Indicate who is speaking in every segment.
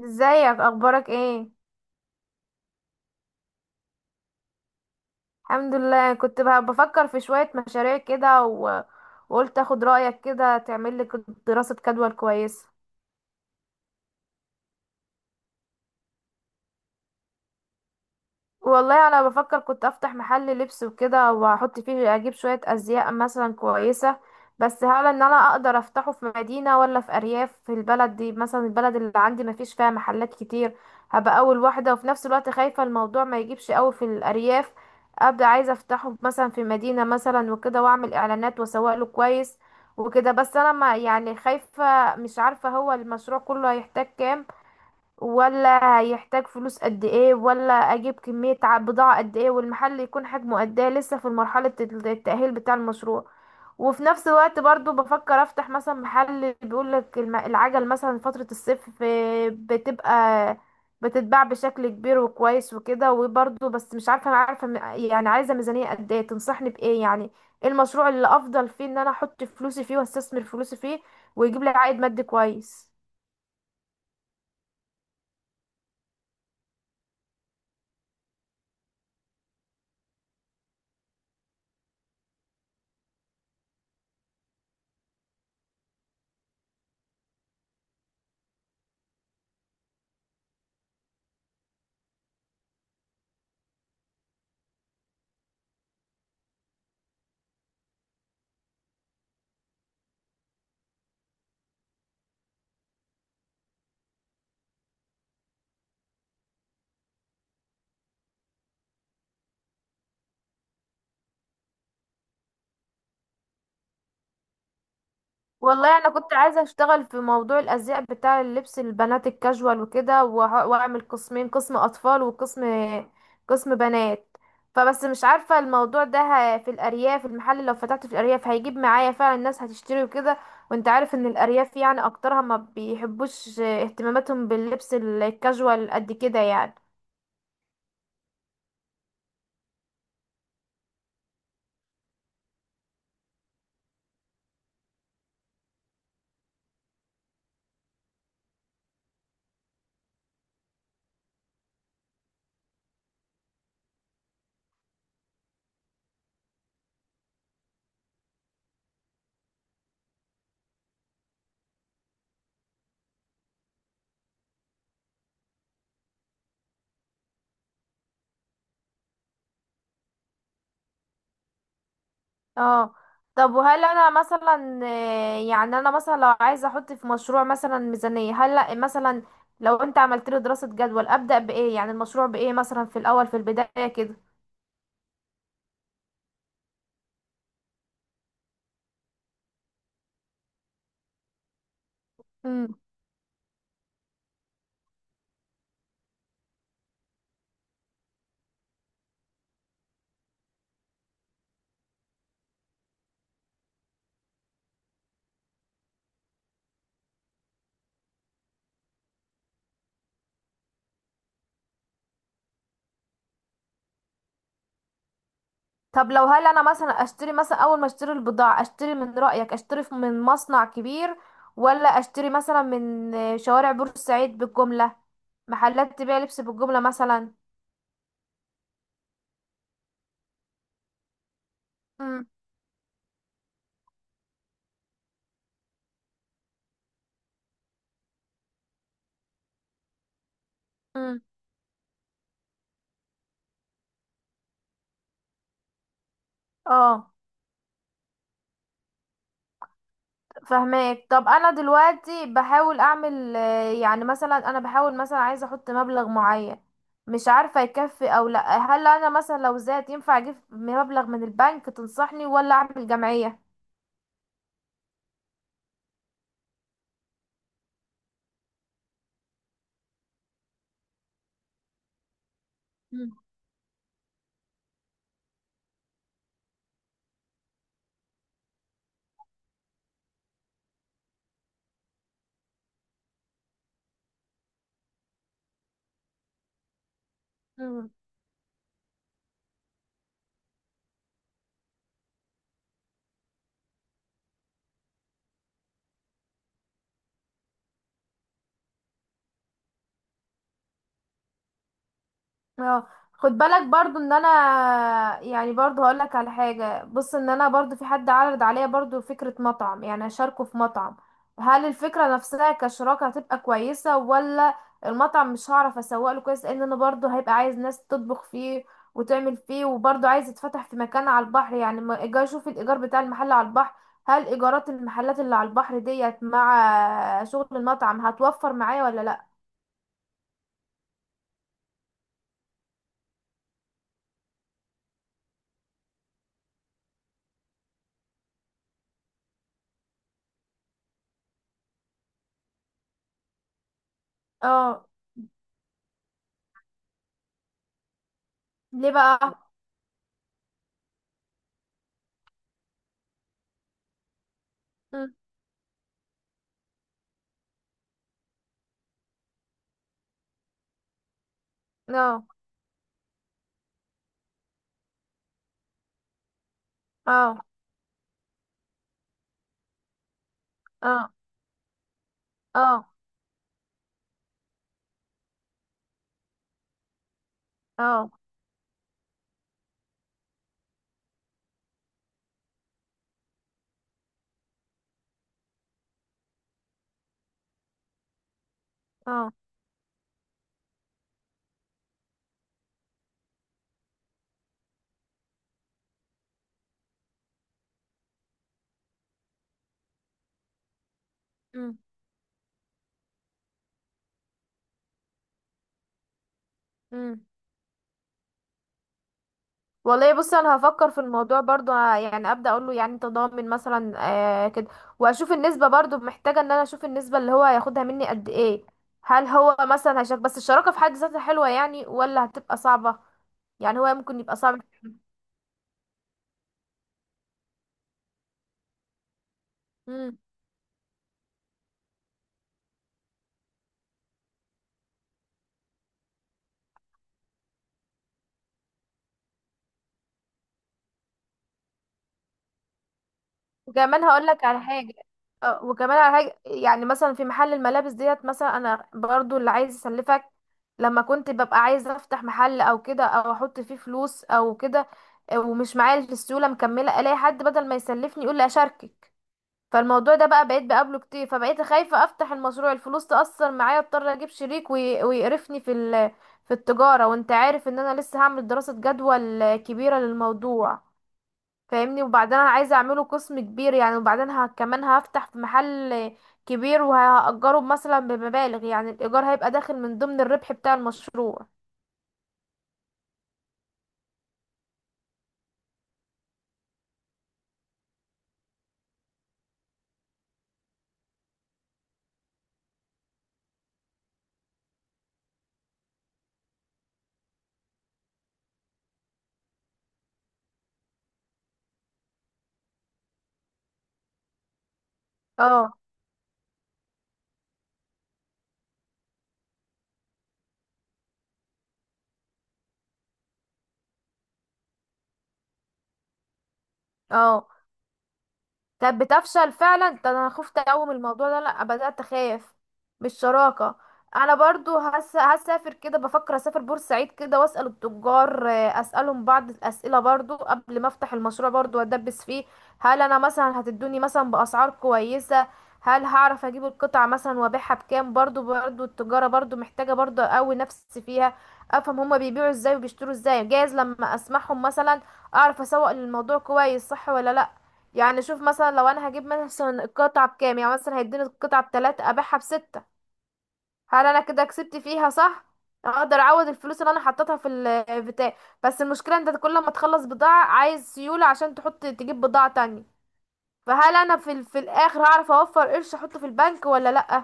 Speaker 1: ازيك؟ اخبارك ايه؟ الحمد لله. كنت بفكر في شوية مشاريع كده وقلت اخد رأيك كده، تعمل لي دراسة جدوى كويسة. والله انا بفكر كنت افتح محل لبس وكده، واحط فيه اجيب شوية ازياء مثلا كويسة. بس هل ان انا اقدر افتحه في مدينة ولا في ارياف؟ في البلد دي مثلا البلد اللي عندي مفيش فيها محلات كتير. هبقى اول واحدة، وفي نفس الوقت خايفة الموضوع ما يجيبش قوي في الارياف. ابدا عايزة افتحه مثلا في مدينة مثلا وكده، واعمل اعلانات واسوق له كويس وكده. بس انا ما يعني خايفة، مش عارفة هو المشروع كله هيحتاج كام؟ ولا هيحتاج فلوس قد ايه؟ ولا اجيب كمية بضاعة قد ايه؟ والمحل يكون حجمه قد ايه؟ لسه في مرحلة التأهيل بتاع المشروع. وفي نفس الوقت برضو بفكر افتح مثلا محل بيقولك العجل، مثلا فترة الصيف بتبقى بتتباع بشكل كبير وكويس وكده وبرضو. بس مش عارفة، انا عارفة يعني عايزة ميزانية قد ايه؟ تنصحني بايه يعني؟ ايه المشروع اللي افضل فيه ان انا احط فلوسي فيه واستثمر فلوسي فيه ويجيب لي عائد مادي كويس؟ والله انا كنت عايزه اشتغل في موضوع الازياء بتاع اللبس البنات الكاجوال وكده واعمل قسمين، قسم اطفال وقسم بنات. فبس مش عارفه الموضوع ده في الارياف المحل لو فتحته في الارياف هيجيب معايا، فعلا الناس هتشتري وكده؟ وانت عارف ان الارياف يعني اكترها ما بيحبوش، اهتماماتهم باللبس الكاجوال قد كده يعني. اه. طب وهل انا مثلا يعني انا مثلا لو عايزه احط في مشروع مثلا ميزانيه، هل لأ مثلا لو انت عملت له دراسه جدول ابدا بايه يعني المشروع بايه مثلا في الاول في البدايه كده؟ مم. طب لو هل انا مثلا اشتري، مثلا اول ما اشتري البضاعة اشتري من رأيك، اشتري من مصنع كبير ولا اشتري مثلا من شوارع بورسعيد بالجملة، محلات تبيع لبس بالجملة مثلا؟ مم. مم. اه، فهماك. طب انا دلوقتي بحاول اعمل يعني مثلا انا بحاول مثلا عايزه احط مبلغ معين، مش عارفه يكفي او لا. هل انا مثلا لو زاد ينفع اجيب مبلغ من البنك؟ تنصحني ولا اعمل جمعيه؟ مم. اه، خد بالك برضو ان انا يعني برضو هقول لك على حاجه. بص ان انا برضو في حد عرض عليا برضو فكره مطعم، يعني اشاركه في مطعم. هل الفكره نفسها كشراكه هتبقى كويسه ولا؟ المطعم مش هعرف اسوق له كويس، لان انا برضو هيبقى عايز ناس تطبخ فيه وتعمل فيه، وبرضو عايز يتفتح في مكان على البحر، يعني ما اجي اشوف الايجار بتاع المحل على البحر. هل ايجارات المحلات اللي على البحر ديت مع شغل المطعم هتوفر معايا ولا لا؟ اه. ليه بقى؟ مم. اه. اه. اه. اه. اه. اه. امم. امم. والله بصي انا هفكر في الموضوع برضو يعني، ابدا اقول له يعني انت ضامن مثلا، آه كده. واشوف النسبه، برضو محتاجه ان انا اشوف النسبه اللي هو هياخدها مني قد ايه. هل هو مثلا هيشارك؟ بس الشراكه في حد ذاتها حلوه يعني ولا هتبقى صعبه؟ يعني هو ممكن يبقى صعب. مم. وكمان هقول لك على حاجه. اه، وكمان على حاجه، يعني مثلا في محل الملابس ديت مثلا، انا برضو اللي عايز اسلفك لما كنت ببقى عايزه افتح محل او كده او احط فيه فلوس او كده. اه، ومش معايا السيوله مكمله، الاقي حد بدل ما يسلفني يقول لي اشاركك. فالموضوع ده بقى بقيت بقابله كتير، فبقيت خايفه افتح المشروع الفلوس تاثر معايا، اضطر اجيب شريك ويقرفني في التجاره. وانت عارف ان انا لسه هعمل دراسه جدوى كبيره للموضوع. فاهمني؟ وبعدين انا عايزه اعمله قسم كبير يعني، وبعدين كمان هفتح في محل كبير وهأجره مثلا بمبالغ، يعني الايجار هيبقى داخل من ضمن الربح بتاع المشروع. اه. اه. كانت بتفشل فعلا، ده انا خفت قوي من الموضوع ده، لا بدأت اخاف من الشراكة. انا برضو هسافر كده، بفكر اسافر بورسعيد كده واسأل التجار، اسألهم بعض الاسئلة برضو قبل ما افتح المشروع برضو وادبس فيه. هل انا مثلا هتدوني مثلا باسعار كويسة؟ هل هعرف اجيب القطع مثلا وابيعها بكام؟ برضو التجارة برضو محتاجة، برضو اقوي نفسي فيها، افهم هما بيبيعوا ازاي وبيشتروا ازاي، جايز لما اسمعهم مثلا اعرف اسوق للموضوع كويس، صح ولا لا؟ يعني شوف مثلا لو انا هجيب مثلا القطعة بكام، يعني مثلا هيديني القطعة بتلاتة ابيعها بستة، هل انا كده كسبت فيها صح؟ اقدر اعوض الفلوس اللي انا حطيتها في البتاع؟ بس المشكلة انت كل ما تخلص بضاعة عايز سيولة عشان تحط تجيب بضاعة تانية، فهل انا في الاخر هعرف اوفر قرش احطه في البنك ولا لأ؟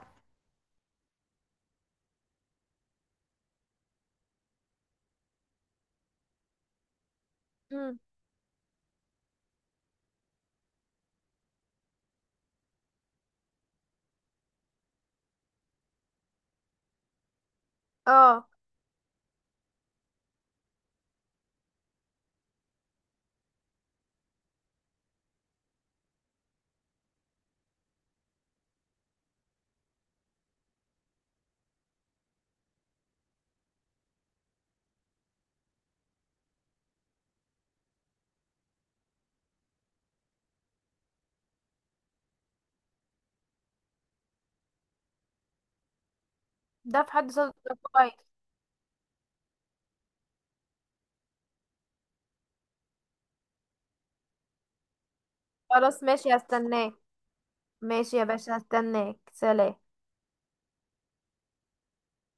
Speaker 1: مم. اه، ده في حد صدق كويس. خلاص ماشي، هستناك. ماشي يا باشا، هستناك. سلام.